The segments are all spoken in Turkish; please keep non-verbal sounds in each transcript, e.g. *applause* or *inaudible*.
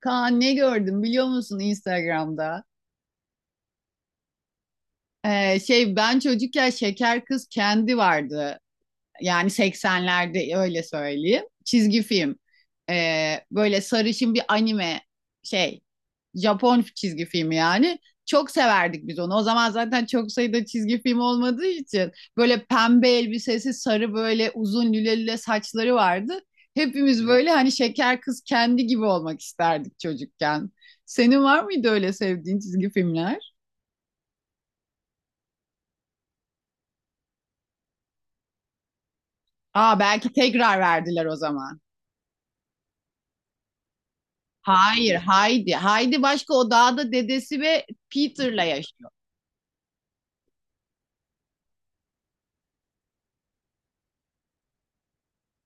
Kaan ne gördüm biliyor musun Instagram'da? Ben çocukken Şeker Kız Kendi vardı, yani 80'lerde öyle söyleyeyim. Çizgi film. Böyle sarışın bir anime şey Japon çizgi filmi yani. Çok severdik biz onu. O zaman zaten çok sayıda çizgi film olmadığı için böyle pembe elbisesi, sarı böyle uzun lüle lüle saçları vardı. Hepimiz böyle hani şeker kız kendi gibi olmak isterdik çocukken. Senin var mıydı öyle sevdiğin çizgi filmler? Aa, belki tekrar verdiler o zaman. Hayır, Heidi. Heidi başka, o dağda dedesi ve Peter'la yaşıyor.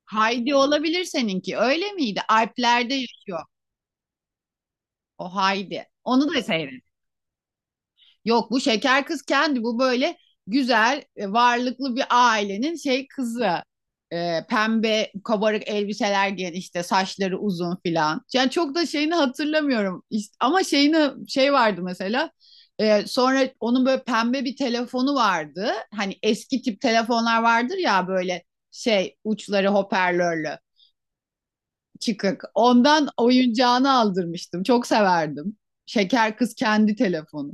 Heidi olabilir seninki. Öyle miydi? Alplerde yaşıyor o Heidi. Onu da seyret. Yok, bu şeker kız kendi bu böyle güzel, varlıklı bir ailenin kızı. Pembe kabarık elbiseler giyen, işte saçları uzun filan. Yani çok da şeyini hatırlamıyorum. Ama şeyini şey vardı mesela. Sonra onun böyle pembe bir telefonu vardı. Hani eski tip telefonlar vardır ya böyle uçları hoparlörlü çıkık. Ondan oyuncağını aldırmıştım. Çok severdim. Şeker kız kendi telefonu.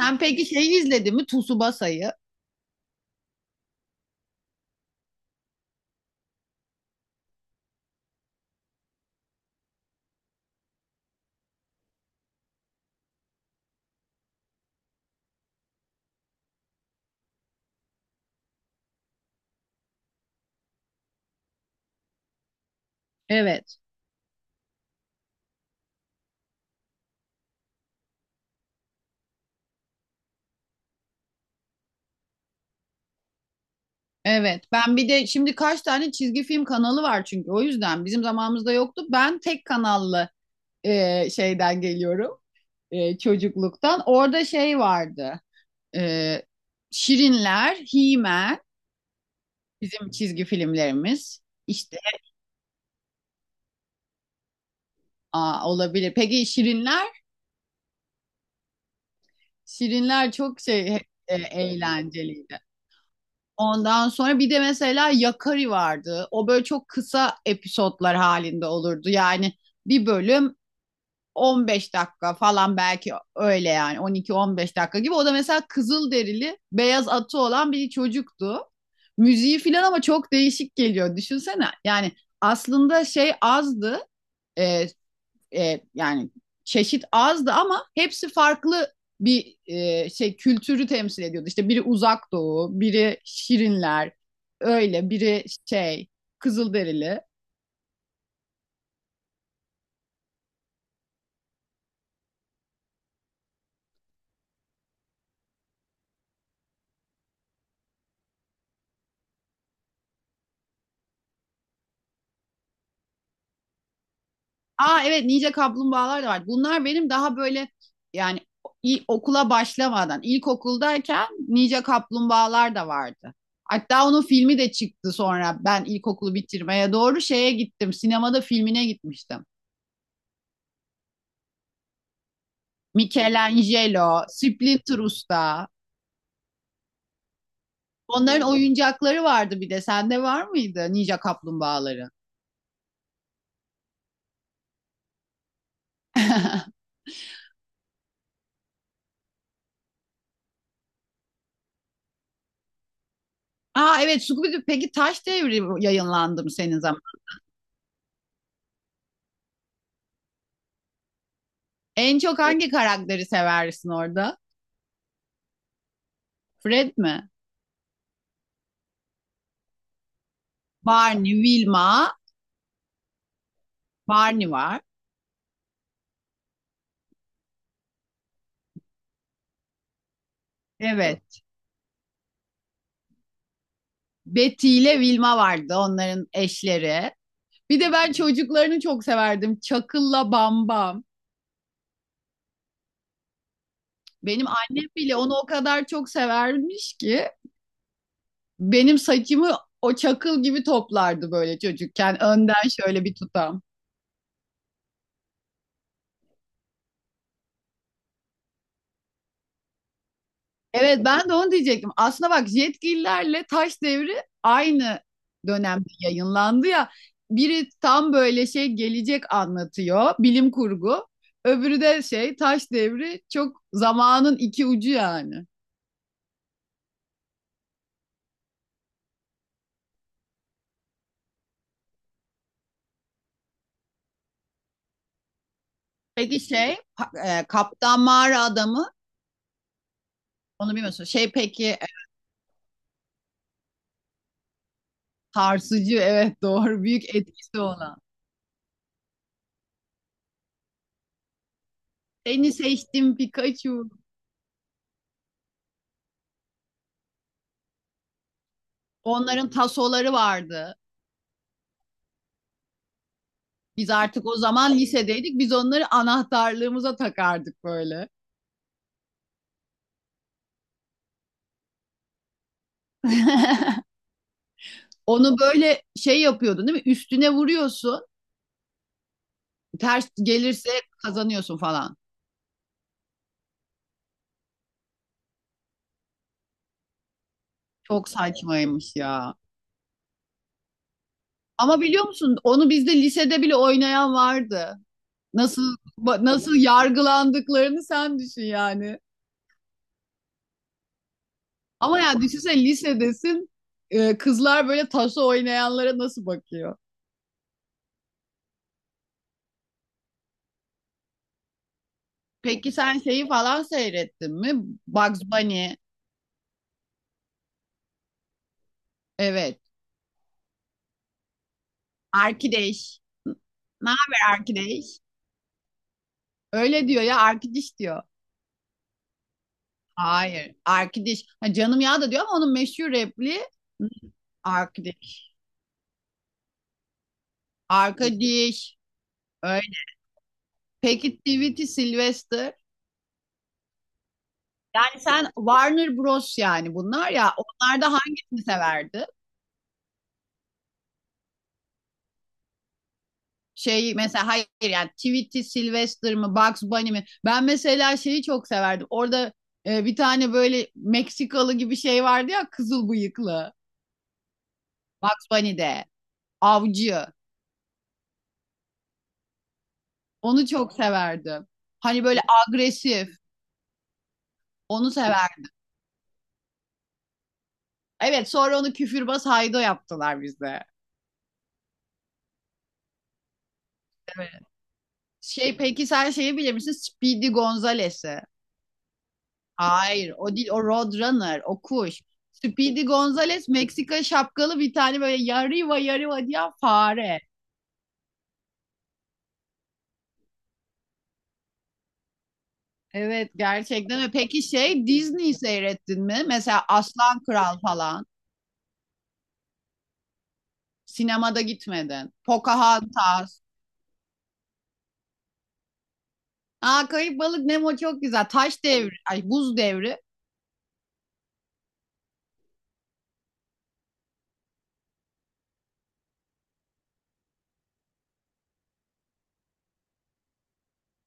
Sen peki şeyi izledin mi? Tsubasa'yı. Evet. Evet. Ben bir de şimdi kaç tane çizgi film kanalı var, çünkü o yüzden bizim zamanımızda yoktu. Ben tek kanallı şeyden geliyorum. Çocukluktan. Orada şey vardı. E, Şirinler, He-Man bizim çizgi filmlerimiz. İşte. Aa, olabilir. Peki Şirinler? Şirinler çok eğlenceliydi. Ondan sonra bir de mesela Yakari vardı. O böyle çok kısa episodlar halinde olurdu. Yani bir bölüm 15 dakika falan, belki öyle yani 12-15 dakika gibi. O da mesela kızıl derili, beyaz atı olan bir çocuktu. Müziği falan ama çok değişik geliyor. Düşünsene. Yani aslında şey azdı. E, Yani çeşit azdı ama hepsi farklı bir kültürü temsil ediyordu. İşte biri Uzak Doğu, biri Şirinler, öyle biri şey Kızılderili. Aa evet, Ninja Kaplumbağalar da vardı. Bunlar benim daha böyle, yani okula başlamadan, ilkokuldayken Ninja Kaplumbağalar da vardı. Hatta onun filmi de çıktı, sonra ben ilkokulu bitirmeye doğru şeye gittim. Sinemada filmine gitmiştim. Michelangelo, Splinter Usta. Onların oyuncakları vardı bir de. Sende var mıydı Ninja Kaplumbağaları? *laughs* Aa evet, Scooby-Doo. Peki Taş Devri yayınlandı mı senin zaman? En çok hangi karakteri seversin orada? Fred mi? Barney, Wilma, Barney var. Evet. Betty ile Wilma vardı onların eşleri. Bir de ben çocuklarını çok severdim. Çakıl'la Bambam. Benim annem bile onu o kadar çok severmiş ki benim saçımı o çakıl gibi toplardı böyle çocukken. Önden şöyle bir tutam. Evet, ben de onu diyecektim. Aslında bak, Jetgillerle Taş Devri aynı dönemde yayınlandı ya. Biri tam böyle şey, gelecek anlatıyor, bilim kurgu. Öbürü de şey Taş Devri, çok zamanın iki ucu yani. Peki şey Kaptan Mağara Adamı, onu bilmiyorsun. Şey peki sarsıcı, evet, doğru, büyük etkisi olan. Seni seçtim Pikachu. Onların tasoları vardı. Biz artık o zaman lisedeydik. Biz onları anahtarlığımıza takardık böyle. *laughs* Onu böyle şey yapıyordun değil mi? Üstüne vuruyorsun. Ters gelirse kazanıyorsun falan. Çok saçmaymış ya. Ama biliyor musun? Onu bizde lisede bile oynayan vardı. Nasıl nasıl yargılandıklarını sen düşün yani. Ama ya düşünsene, lisedesin. Kızlar böyle taso oynayanlara nasıl bakıyor? Peki sen şeyi falan seyrettin mi? Bugs Bunny. Evet. Arkadaş. Ne haber arkadaş? Öyle diyor ya, arkadaş diyor. Hayır. Arkadaş. Ha, canım ya da diyor, ama onun meşhur repliği arkadaş. Arkadaş. Öyle. Peki Tweety Sylvester. Yani sen Warner Bros yani, bunlar ya. Onlarda hangisini severdi? Şey mesela, hayır yani Tweety Sylvester mı, Bugs Bunny mi? Ben mesela şeyi çok severdim. Orada bir tane böyle Meksikalı gibi şey vardı ya, kızıl bıyıklı. Bugs Bunny'de. Avcı. Onu çok severdim. Hani böyle agresif. Onu severdim. Evet, sonra onu küfürbaz Haydo yaptılar bize. Şey peki sen şeyi bilir misin? Speedy Gonzales'i. Hayır, o değil, o Roadrunner, o kuş. Speedy Gonzales, Meksika şapkalı bir tane böyle yarıva yarıva diyen fare. Evet, gerçekten öyle. Peki şey Disney seyrettin mi? Mesela Aslan Kral falan. Sinemada gitmedin. Pocahontas. Aa, Kayıp Balık Nemo çok güzel. Taş devri, ay buz devri.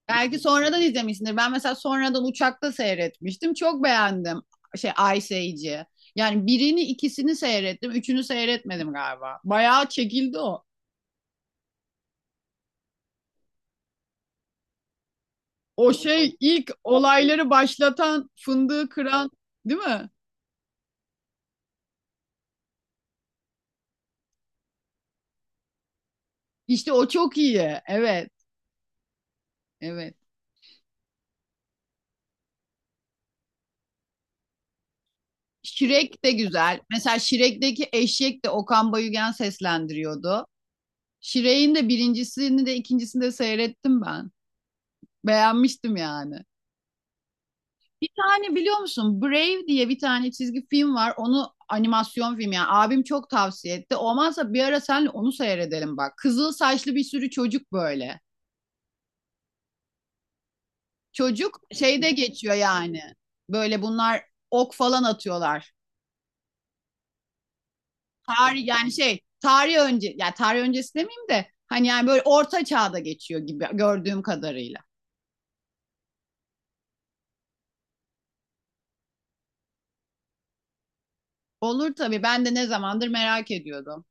Belki sonradan izlemişsindir. Ben mesela sonradan uçakta seyretmiştim. Çok beğendim. Şey Ice Age'i. Yani birini ikisini seyrettim. Üçünü seyretmedim galiba. Bayağı çekildi o. O şey, ilk olayları başlatan, fındığı kıran değil mi? İşte o çok iyi. Evet. Evet. Şirek de güzel. Mesela Şirek'teki eşek de Okan Bayülgen seslendiriyordu. Şirek'in de birincisini de ikincisini de seyrettim ben. Beğenmiştim yani. Bir tane biliyor musun? Brave diye bir tane çizgi film var. Onu animasyon film yani. Abim çok tavsiye etti. Olmazsa bir ara senle onu seyredelim bak. Kızıl saçlı bir sürü çocuk böyle. Çocuk şeyde geçiyor yani. Böyle bunlar ok falan atıyorlar. Tarih yani şey, tarih önce yani tarih öncesi demeyeyim de hani yani böyle orta çağda geçiyor gibi, gördüğüm kadarıyla. Olur tabii, ben de ne zamandır merak ediyordum.